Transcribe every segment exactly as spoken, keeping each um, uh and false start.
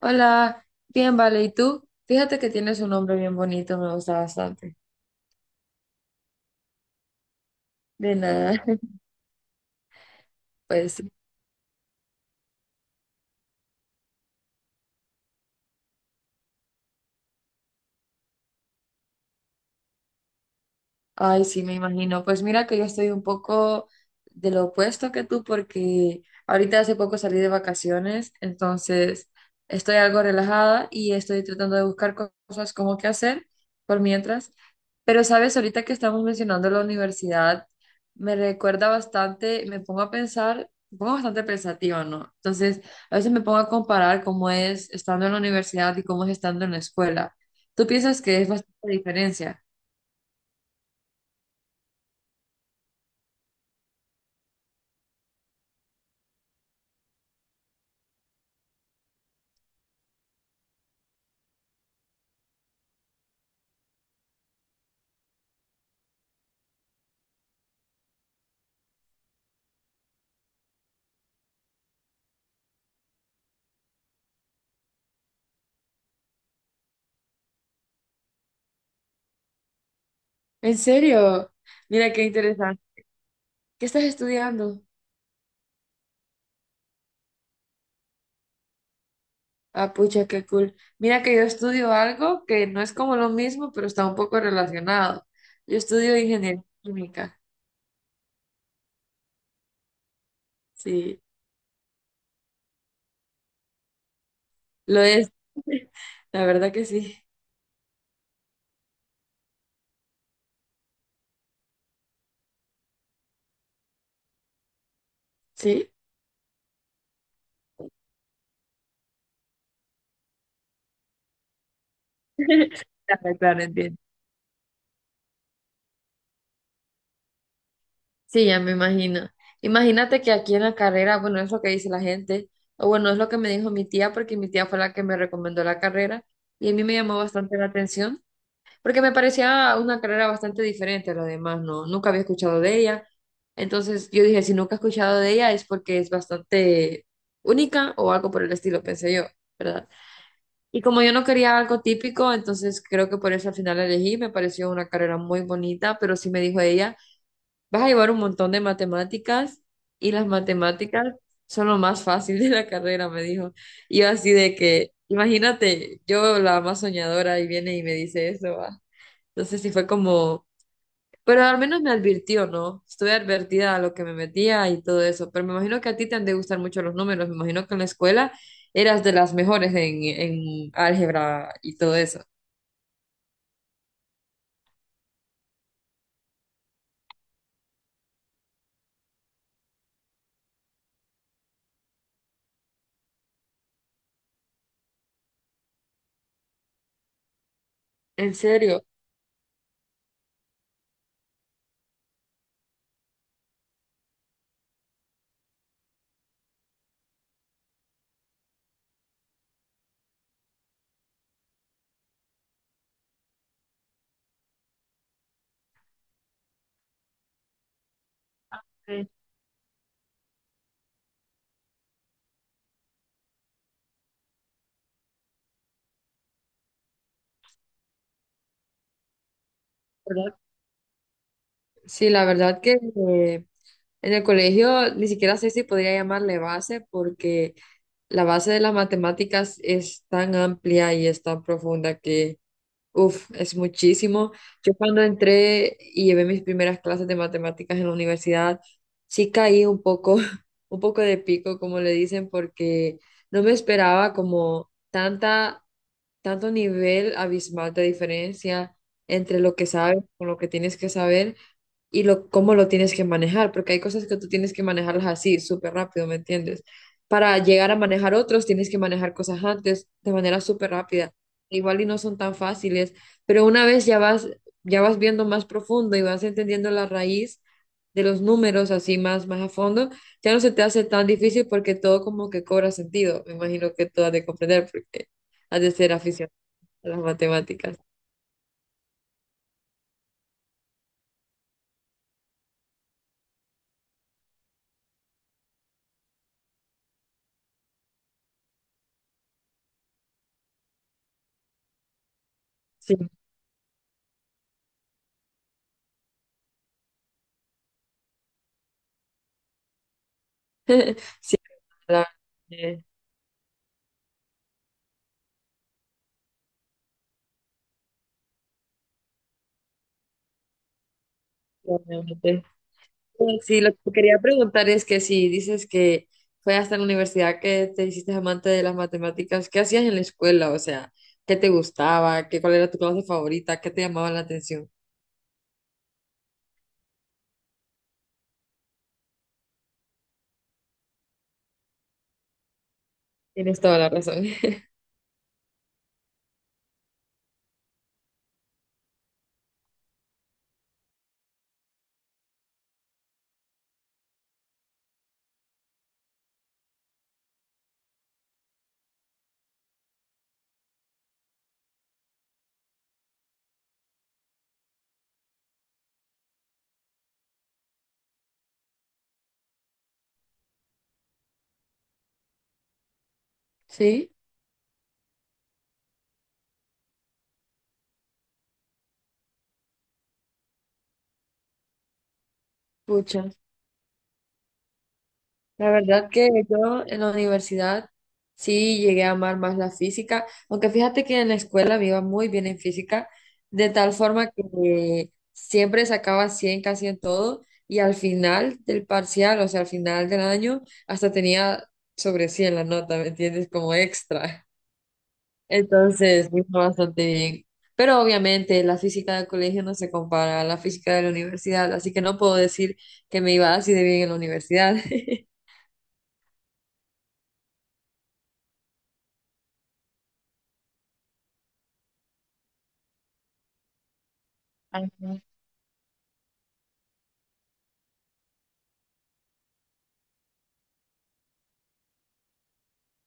Hola, bien, vale, ¿y tú? Fíjate que tienes un nombre bien bonito, me gusta bastante. De nada, pues, ay, sí, me imagino. Pues mira que yo estoy un poco de lo opuesto que tú porque ahorita hace poco salí de vacaciones, entonces estoy algo relajada y estoy tratando de buscar co- cosas como qué hacer por mientras. Pero sabes, ahorita que estamos mencionando la universidad, me recuerda bastante, me pongo a pensar, me pongo bastante pensativa, ¿no? Entonces, a veces me pongo a comparar cómo es estando en la universidad y cómo es estando en la escuela. ¿Tú piensas que es bastante diferencia? ¿En serio? Mira qué interesante. ¿Qué estás estudiando? Ah, pucha, qué cool. Mira que yo estudio algo que no es como lo mismo, pero está un poco relacionado. Yo estudio ingeniería química. Sí, lo es. La verdad que sí. Sí, claro, claro, entiendo. Sí, ya me imagino. Imagínate que aquí en la carrera, bueno, es lo que dice la gente, o bueno, es lo que me dijo mi tía, porque mi tía fue la que me recomendó la carrera y a mí me llamó bastante la atención, porque me parecía una carrera bastante diferente a lo demás, ¿no? Nunca había escuchado de ella. Entonces yo dije, si nunca he escuchado de ella es porque es bastante única o algo por el estilo, pensé yo, ¿verdad? Y como yo no quería algo típico, entonces creo que por eso al final la elegí, me pareció una carrera muy bonita, pero sí me dijo ella. Vas a llevar un montón de matemáticas y las matemáticas son lo más fácil de la carrera, me dijo. Y yo así de que, imagínate, yo la más soñadora y viene y me dice eso, va. Entonces sí fue como, pero al menos me advirtió, ¿no? Estuve advertida a lo que me metía y todo eso, pero me imagino que a ti te han de gustar mucho los números, me imagino que en la escuela eras de las mejores en, en álgebra y todo eso. ¿En serio? Sí, ¿verdad? Sí, la verdad que... eh, en el colegio ni siquiera sé si podría llamarle base porque la base de las matemáticas es tan amplia y es tan profunda que, uff, es muchísimo. Yo cuando entré y llevé mis primeras clases de matemáticas en la universidad, sí caí un poco, un poco de pico, como le dicen, porque no me esperaba como tanta, tanto nivel abismal de diferencia entre lo que sabes con lo que tienes que saber y lo, cómo lo tienes que manejar, porque hay cosas que tú tienes que manejarlas así, súper rápido, ¿me entiendes? Para llegar a manejar otros, tienes que manejar cosas antes de manera súper rápida. Igual y no son tan fáciles, pero una vez ya vas, ya vas viendo más profundo y vas entendiendo la raíz de los números así más, más a fondo, ya no se te hace tan difícil porque todo como que cobra sentido. Me imagino que tú has de comprender porque has de ser aficionado a las matemáticas. Sí, sí, la- eh, realmente. Sí, sí, lo que quería preguntar es que si dices que fue hasta la universidad que te hiciste amante de las matemáticas, ¿qué hacías en la escuela? O sea, ¿qué te gustaba? ¿Qué, cuál era tu clase favorita? ¿Qué te llamaba la atención? Tienes toda la razón. Sí, pucha. La verdad que yo en la universidad sí llegué a amar más la física, aunque fíjate que en la escuela me iba muy bien en física, de tal forma que siempre sacaba cien casi en todo y al final del parcial, o sea, al final del año, hasta tenía sobre cien la nota, ¿me entiendes? Como extra. Entonces, me fue bastante bien. Pero obviamente la física del colegio no se compara a la física de la universidad, así que no puedo decir que me iba así de bien en la universidad. Ajá.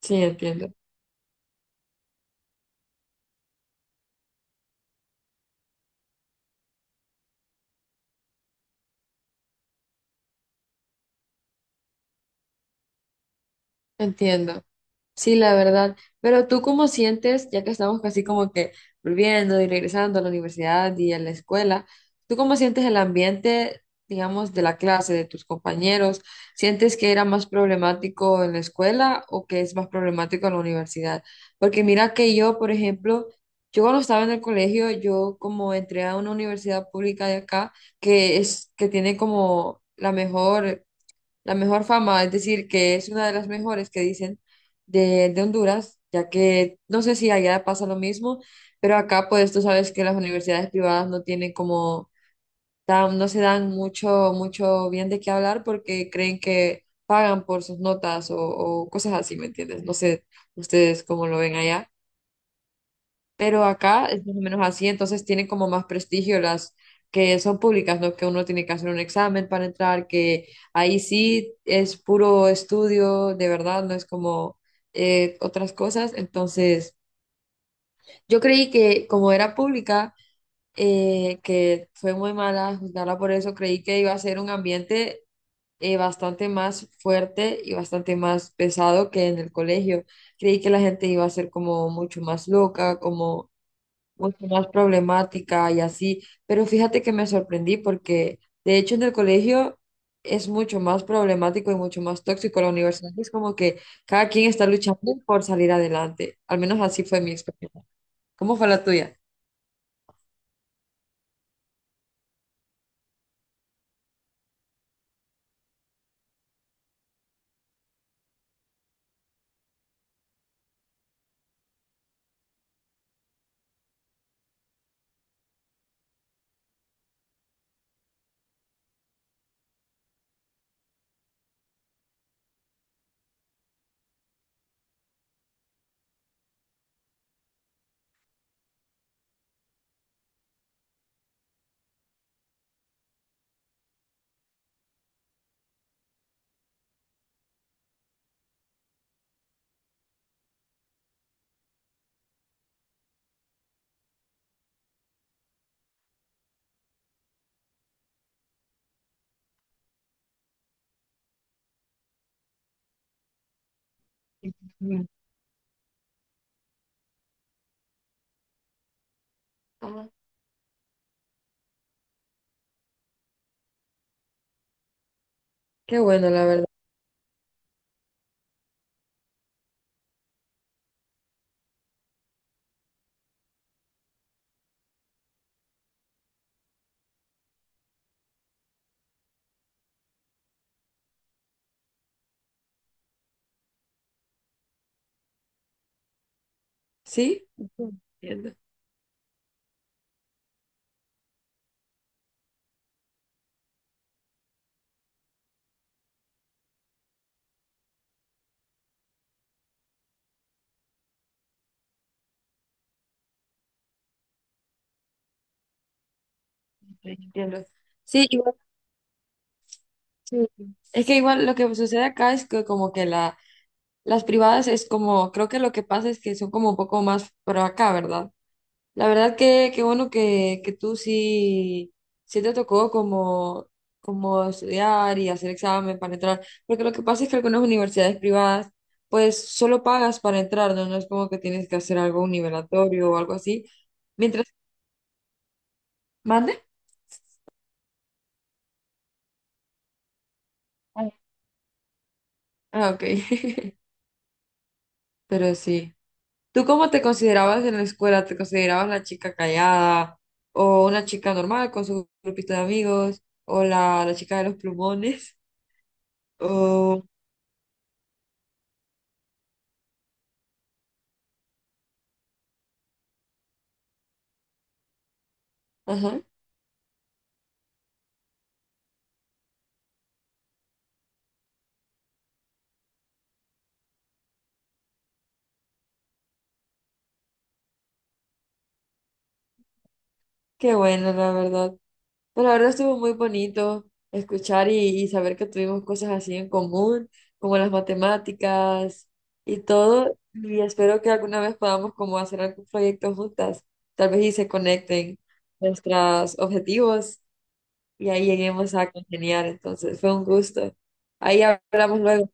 Sí, entiendo, entiendo. Sí, la verdad. Pero tú cómo sientes, ya que estamos casi como que volviendo y regresando a la universidad y a la escuela, ¿tú cómo sientes el ambiente, digamos, de la clase, de tus compañeros? ¿Sientes que era más problemático en la escuela o que es más problemático en la universidad? Porque mira que yo, por ejemplo, yo cuando estaba en el colegio, yo como entré a una universidad pública de acá, que es, que tiene como la mejor la mejor fama, es decir, que es una de las mejores que dicen de, de Honduras, ya que no sé si allá pasa lo mismo, pero acá pues tú sabes que las universidades privadas no tienen como, tan- no se dan mucho, mucho bien de qué hablar porque creen que pagan por sus notas o, o cosas así, ¿me entiendes? No sé ustedes cómo lo ven allá. Pero acá es más o menos así, entonces tienen como más prestigio las que son públicas, ¿no? Que uno tiene que hacer un examen para entrar, que ahí sí es puro estudio, de verdad, no es como eh, otras cosas. Entonces, yo creí que como era pública, eh, que fue muy mala juzgarla por eso, creí que iba a ser un ambiente eh, bastante más fuerte y bastante más pesado que en el colegio. Creí que la gente iba a ser como mucho más loca, como mucho más problemática y así, pero fíjate que me sorprendí porque de hecho en el colegio es mucho más problemático y mucho más tóxico. La universidad es como que cada quien está luchando por salir adelante, al menos así fue mi experiencia. ¿Cómo fue la tuya? Mm. Ah, qué bueno, la verdad. ¿Sí? Entiendo, entiendo. Sí, igual, sí. Es que igual lo que sucede acá es que como que la, las privadas es como, creo que lo que pasa es que son como un poco más, pero acá, ¿verdad? La verdad que qué bueno que, que tú sí, sí te tocó como, como estudiar y hacer examen para entrar, porque lo que pasa es que algunas universidades privadas pues solo pagas para entrar, ¿no? No es como que tienes que hacer algo, un nivelatorio o algo así. Mientras, ¿mande? Ah, ah, ok. Pero sí. ¿Tú cómo te considerabas en la escuela? ¿Te considerabas la chica callada o una chica normal con su grupito de amigos o la, la chica de los plumones? O... Ajá. Qué bueno, la verdad. Pero la verdad estuvo muy bonito escuchar y, y saber que tuvimos cosas así en común, como las matemáticas y todo. Y espero que alguna vez podamos como hacer algún proyecto juntas. Tal vez y se conecten nuestros objetivos y ahí lleguemos a congeniar. Entonces, fue un gusto. Ahí hablamos luego.